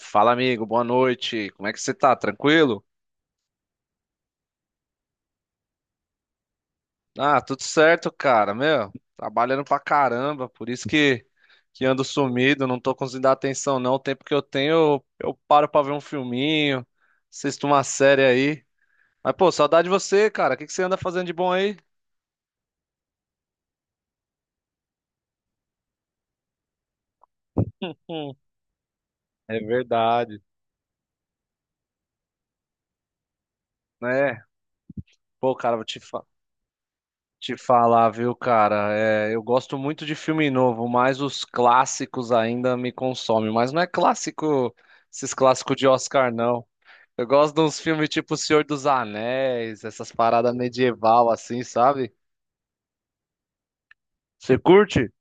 Fala, amigo, boa noite. Como é que você tá? Tranquilo? Ah, tudo certo, cara, meu. Trabalhando pra caramba, por isso que ando sumido, não tô conseguindo dar atenção, não. O tempo que eu tenho, eu paro pra ver um filminho, assisto uma série aí. Mas, pô, saudade de você, cara. O que que você anda fazendo de bom aí? Hum. É verdade. Né? Pô, cara, vou te falar, viu, cara? É, eu gosto muito de filme novo, mas os clássicos ainda me consomem. Mas não é clássico, esses clássicos de Oscar, não. Eu gosto de uns filmes tipo O Senhor dos Anéis, essas paradas medieval assim, sabe? Você curte?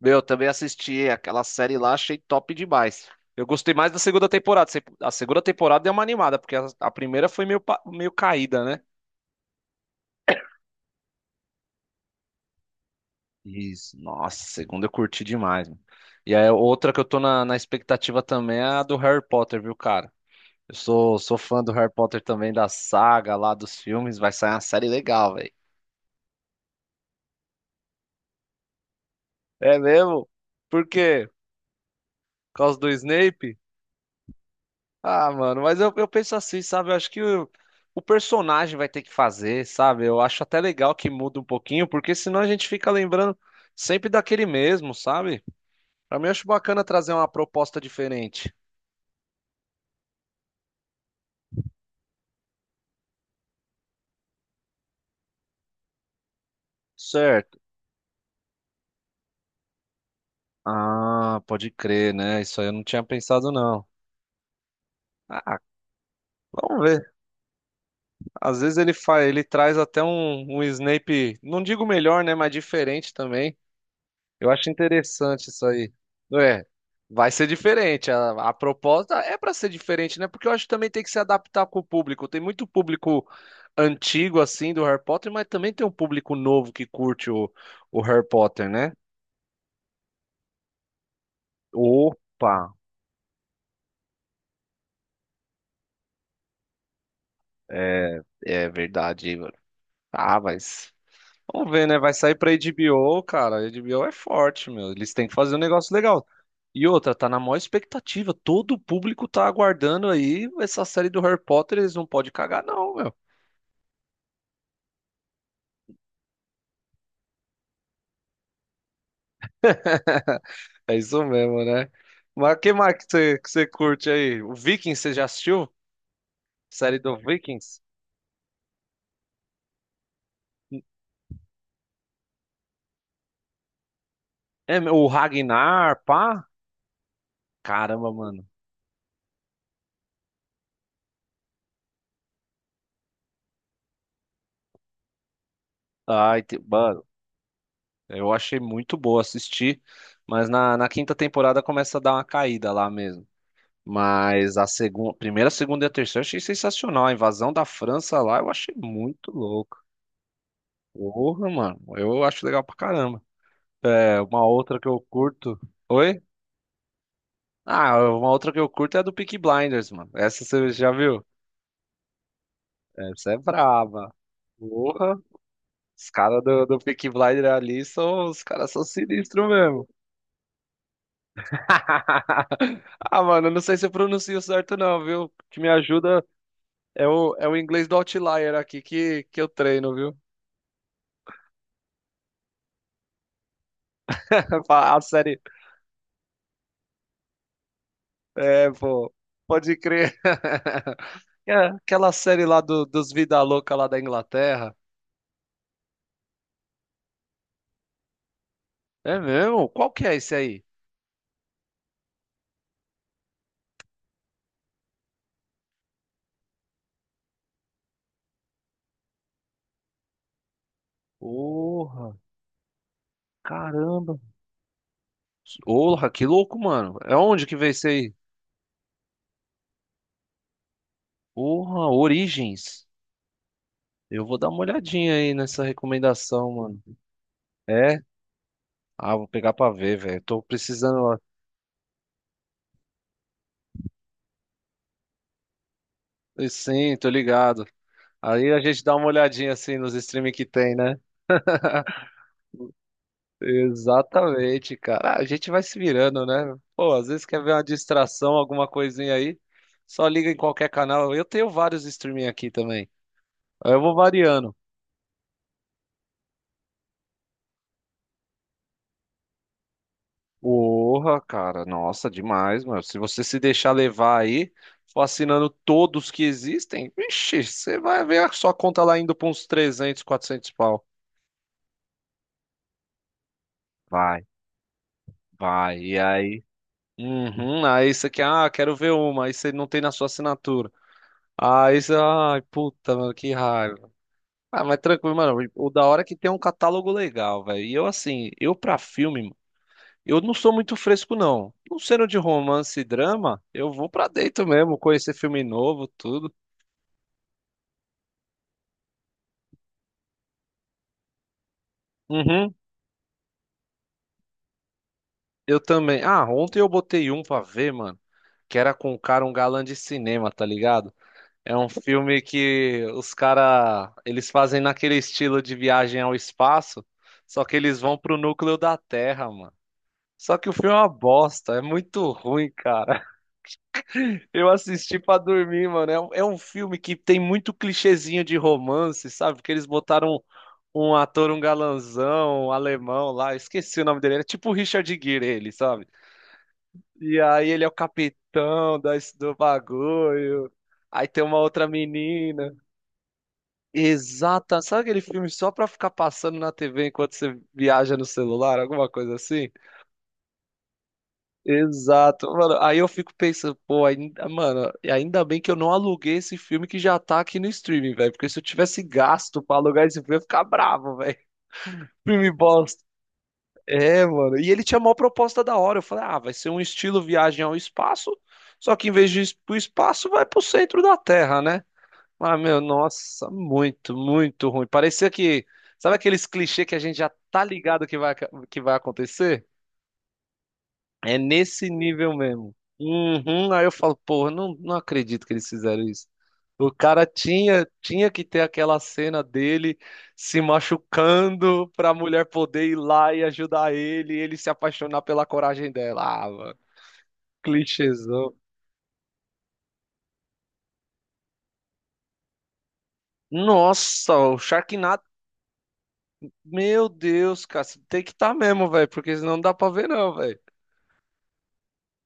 Meu, eu também assisti aquela série lá, achei top demais. Eu gostei mais da segunda temporada. A segunda temporada deu uma animada, porque a primeira foi meio, meio caída, né? Isso. Nossa, segunda eu curti demais, mano. E aí, outra que eu tô na expectativa também é a do Harry Potter, viu, cara? Eu sou fã do Harry Potter também, da saga lá, dos filmes. Vai sair uma série legal, velho. É mesmo? Por quê? Por causa do Snape? Ah, mano, mas eu penso assim, sabe? Eu acho que o personagem vai ter que fazer, sabe? Eu acho até legal que muda um pouquinho, porque senão a gente fica lembrando sempre daquele mesmo, sabe? Pra mim, eu acho bacana trazer uma proposta diferente. Certo. Ah, pode crer, né? Isso aí eu não tinha pensado, não. Ah, vamos ver. Às vezes ele faz, ele traz até um Snape, não digo melhor, né? Mas diferente também. Eu acho interessante isso aí. Não é? Vai ser diferente. A proposta é pra ser diferente, né? Porque eu acho que também tem que se adaptar com o público. Tem muito público antigo, assim, do Harry Potter, mas também tem um público novo que curte o Harry Potter, né? Opa! É verdade, Igor. Ah, mas. Vamos ver, né? Vai sair pra HBO, cara. A HBO é forte, meu. Eles têm que fazer um negócio legal. E outra, tá na maior expectativa. Todo o público tá aguardando aí essa série do Harry Potter. Eles não podem cagar, não, meu. É isso mesmo, né? Mas que mais que você curte aí? O Vikings, você já assistiu? Série do Vikings? É, meu, o Ragnar, pá? Caramba, mano. Ai, mano. Eu achei muito boa assistir. Mas na quinta temporada começa a dar uma caída lá mesmo. Mas a segunda, primeira, segunda e a terceira eu achei sensacional. A invasão da França lá eu achei muito louco. Porra, mano. Eu acho legal pra caramba. É, uma outra que eu curto. Oi? Ah, uma outra que eu curto é a do Peaky Blinders, mano. Essa você já viu? Essa é braba. Porra. Os caras do Peaky Blinders ali são. Os caras são sinistros mesmo. Ah, mano, eu não sei se eu pronuncio certo, não, viu? O que me ajuda o inglês do Outlier aqui que eu treino, viu? A série. É, pô. Pode crer. É, aquela série lá dos Vida Louca lá da Inglaterra. É mesmo? Qual que é esse aí? Porra, caramba. Porra, que louco, mano. É onde que veio esse aí? Porra, Origens. Eu vou dar uma olhadinha aí nessa recomendação, mano. É? Ah, vou pegar pra ver, velho. Tô precisando. Ó. Sim, tô ligado. Aí a gente dá uma olhadinha assim nos streams que tem, né? Exatamente, cara. Ah, a gente vai se virando, né? Pô, às vezes quer ver uma distração, alguma coisinha aí, só liga em qualquer canal. Eu tenho vários streaming aqui também. Aí eu vou variando. Porra, cara, nossa, demais, mano. Se você se deixar levar aí, for assinando todos que existem, vixe, você vai ver a sua conta lá indo pra uns 300, 400 pau. Vai, vai. E aí? Uhum, aí você quer, ah, quero ver uma, aí você não tem na sua assinatura. Aí você, ai, puta, mano, que raiva. Ah, mas tranquilo, mano. O da hora é que tem um catálogo legal, velho. E eu, assim, eu pra filme, mano, eu não sou muito fresco, não. Não sendo de romance e drama, eu vou pra dentro mesmo, conhecer filme novo, tudo. Uhum, eu também. Ah, ontem eu botei um pra ver, mano, que era com um cara, um galã de cinema, tá ligado? É um filme que os cara, eles fazem naquele estilo de viagem ao espaço, só que eles vão pro núcleo da Terra, mano. Só que o filme é uma bosta, é muito ruim, cara. Eu assisti pra dormir, mano. É um filme que tem muito clichêzinho de romance, sabe? Que eles botaram um ator, um galanzão, um alemão lá, esqueci o nome dele. Era tipo o Richard Gere, ele, sabe? E aí ele é o capitão da, do bagulho. Aí tem uma outra menina. Exata. Sabe aquele filme só pra ficar passando na TV enquanto você viaja no celular? Alguma coisa assim? Exato, mano. Aí eu fico pensando, pô, ainda, mano, ainda bem que eu não aluguei esse filme que já tá aqui no streaming, velho. Porque se eu tivesse gasto pra alugar esse filme, eu ia ficar bravo, velho. Filme bosta. É, mano. E ele tinha uma proposta da hora. Eu falei, ah, vai ser um estilo viagem ao espaço, só que em vez de ir pro espaço, vai pro centro da Terra, né? Mas, meu, nossa, muito, muito ruim. Parecia que, sabe aqueles clichês que a gente já tá ligado que vai, acontecer? É nesse nível mesmo. Uhum. Aí eu falo, porra, não, não acredito que eles fizeram isso. O cara tinha que ter aquela cena dele se machucando pra mulher poder ir lá e ajudar ele, e ele se apaixonar pela coragem dela. Ah, mano, clichêzão. Nossa, o Sharknado, meu Deus, cara, você tem que estar mesmo, velho, porque senão não dá pra ver não, velho.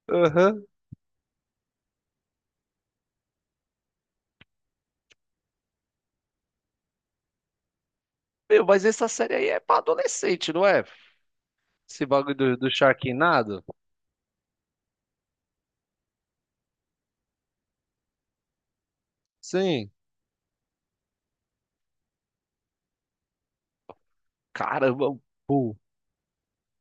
Aham. Meu, mas essa série aí é pra adolescente, não é? Esse bagulho do Sharknado? Sim. Caramba, pô,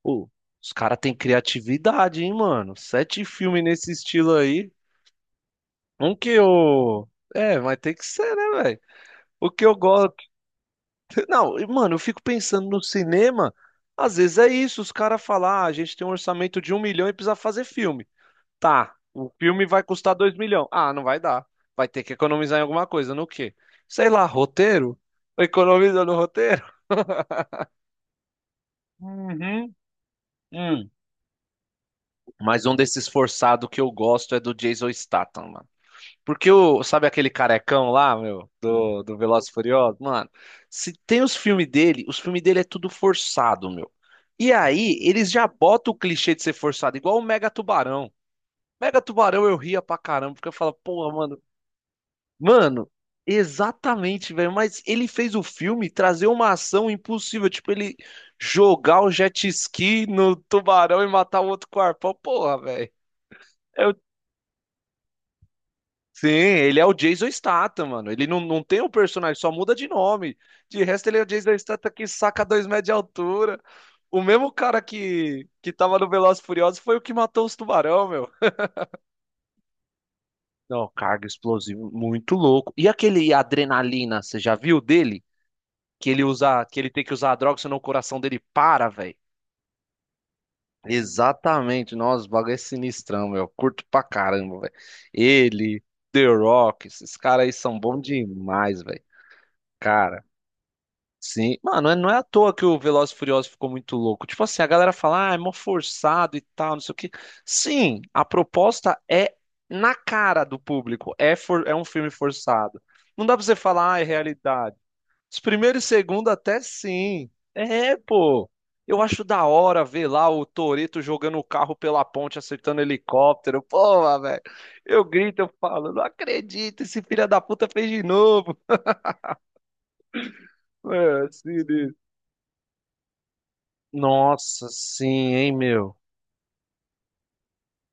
pô, os caras têm criatividade, hein, mano? Sete filmes nesse estilo aí. Um que eu. É, mas tem que ser, né, velho? O que eu gosto. Não, e, mano, eu fico pensando no cinema. Às vezes é isso, os caras falam, ah, a gente tem um orçamento de 1 milhão e precisa fazer filme. Tá, o filme vai custar 2 milhões. Ah, não vai dar. Vai ter que economizar em alguma coisa, no quê? Sei lá, roteiro? Economiza no roteiro? Uhum. Mas um desses forçados que eu gosto é do Jason Statham, mano. Porque o, sabe aquele carecão lá, meu, do Velozes e Furiosos? Mano, se tem os filmes dele é tudo forçado, meu. E aí, eles já botam o clichê de ser forçado, igual o Mega Tubarão. Mega Tubarão eu ria pra caramba, porque eu falo, porra, mano. Mano, exatamente, velho. Mas ele fez o filme trazer uma ação impossível, tipo, ele jogar o jet ski no tubarão e matar o outro com o arpão. Porra, velho. É, sim, ele é o Jason Statham, mano. Ele não, não tem o personagem, só muda de nome. De resto, ele é o Jason Statham que saca 2 metros de altura. O mesmo cara que tava no Velozes e Furiosos foi o que matou os tubarão, meu. Não, carga explosivo, muito louco. E aquele adrenalina, você já viu dele? Que ele usa, que ele tem que usar a droga, senão o coração dele para, velho. Exatamente, nossa, o bagulho é sinistrão, meu. Curto pra caramba, velho. Ele, The Rock, esses caras aí são bons demais, velho. Cara. Sim, mano, é, não é à toa que o Velozes e Furiosos ficou muito louco. Tipo assim, a galera fala, ah, é mó forçado e tal, não sei o quê. Sim, a proposta é na cara do público. É, é um filme forçado. Não dá pra você falar, ah, é realidade. Os primeiros e segundo até sim. É, pô. Eu acho da hora ver lá o Toretto jogando o carro pela ponte, acertando helicóptero. Porra, velho. Eu grito, eu falo, não acredito, esse filho da puta fez de novo. É, assim, nossa, sim, hein, meu?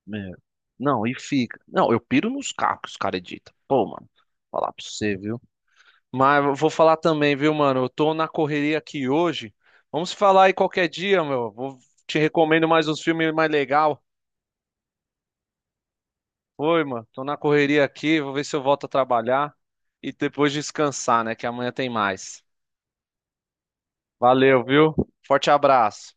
Meu. Não, e fica. Não, eu piro nos carros que os caras editam. Pô, mano, vou falar pra você, viu? Mas eu vou falar também, viu, mano? Eu tô na correria aqui hoje. Vamos falar aí qualquer dia, meu. Vou te recomendo mais uns filmes mais legal. Oi, mano. Tô na correria aqui. Vou ver se eu volto a trabalhar e depois descansar, né? Que amanhã tem mais. Valeu, viu? Forte abraço.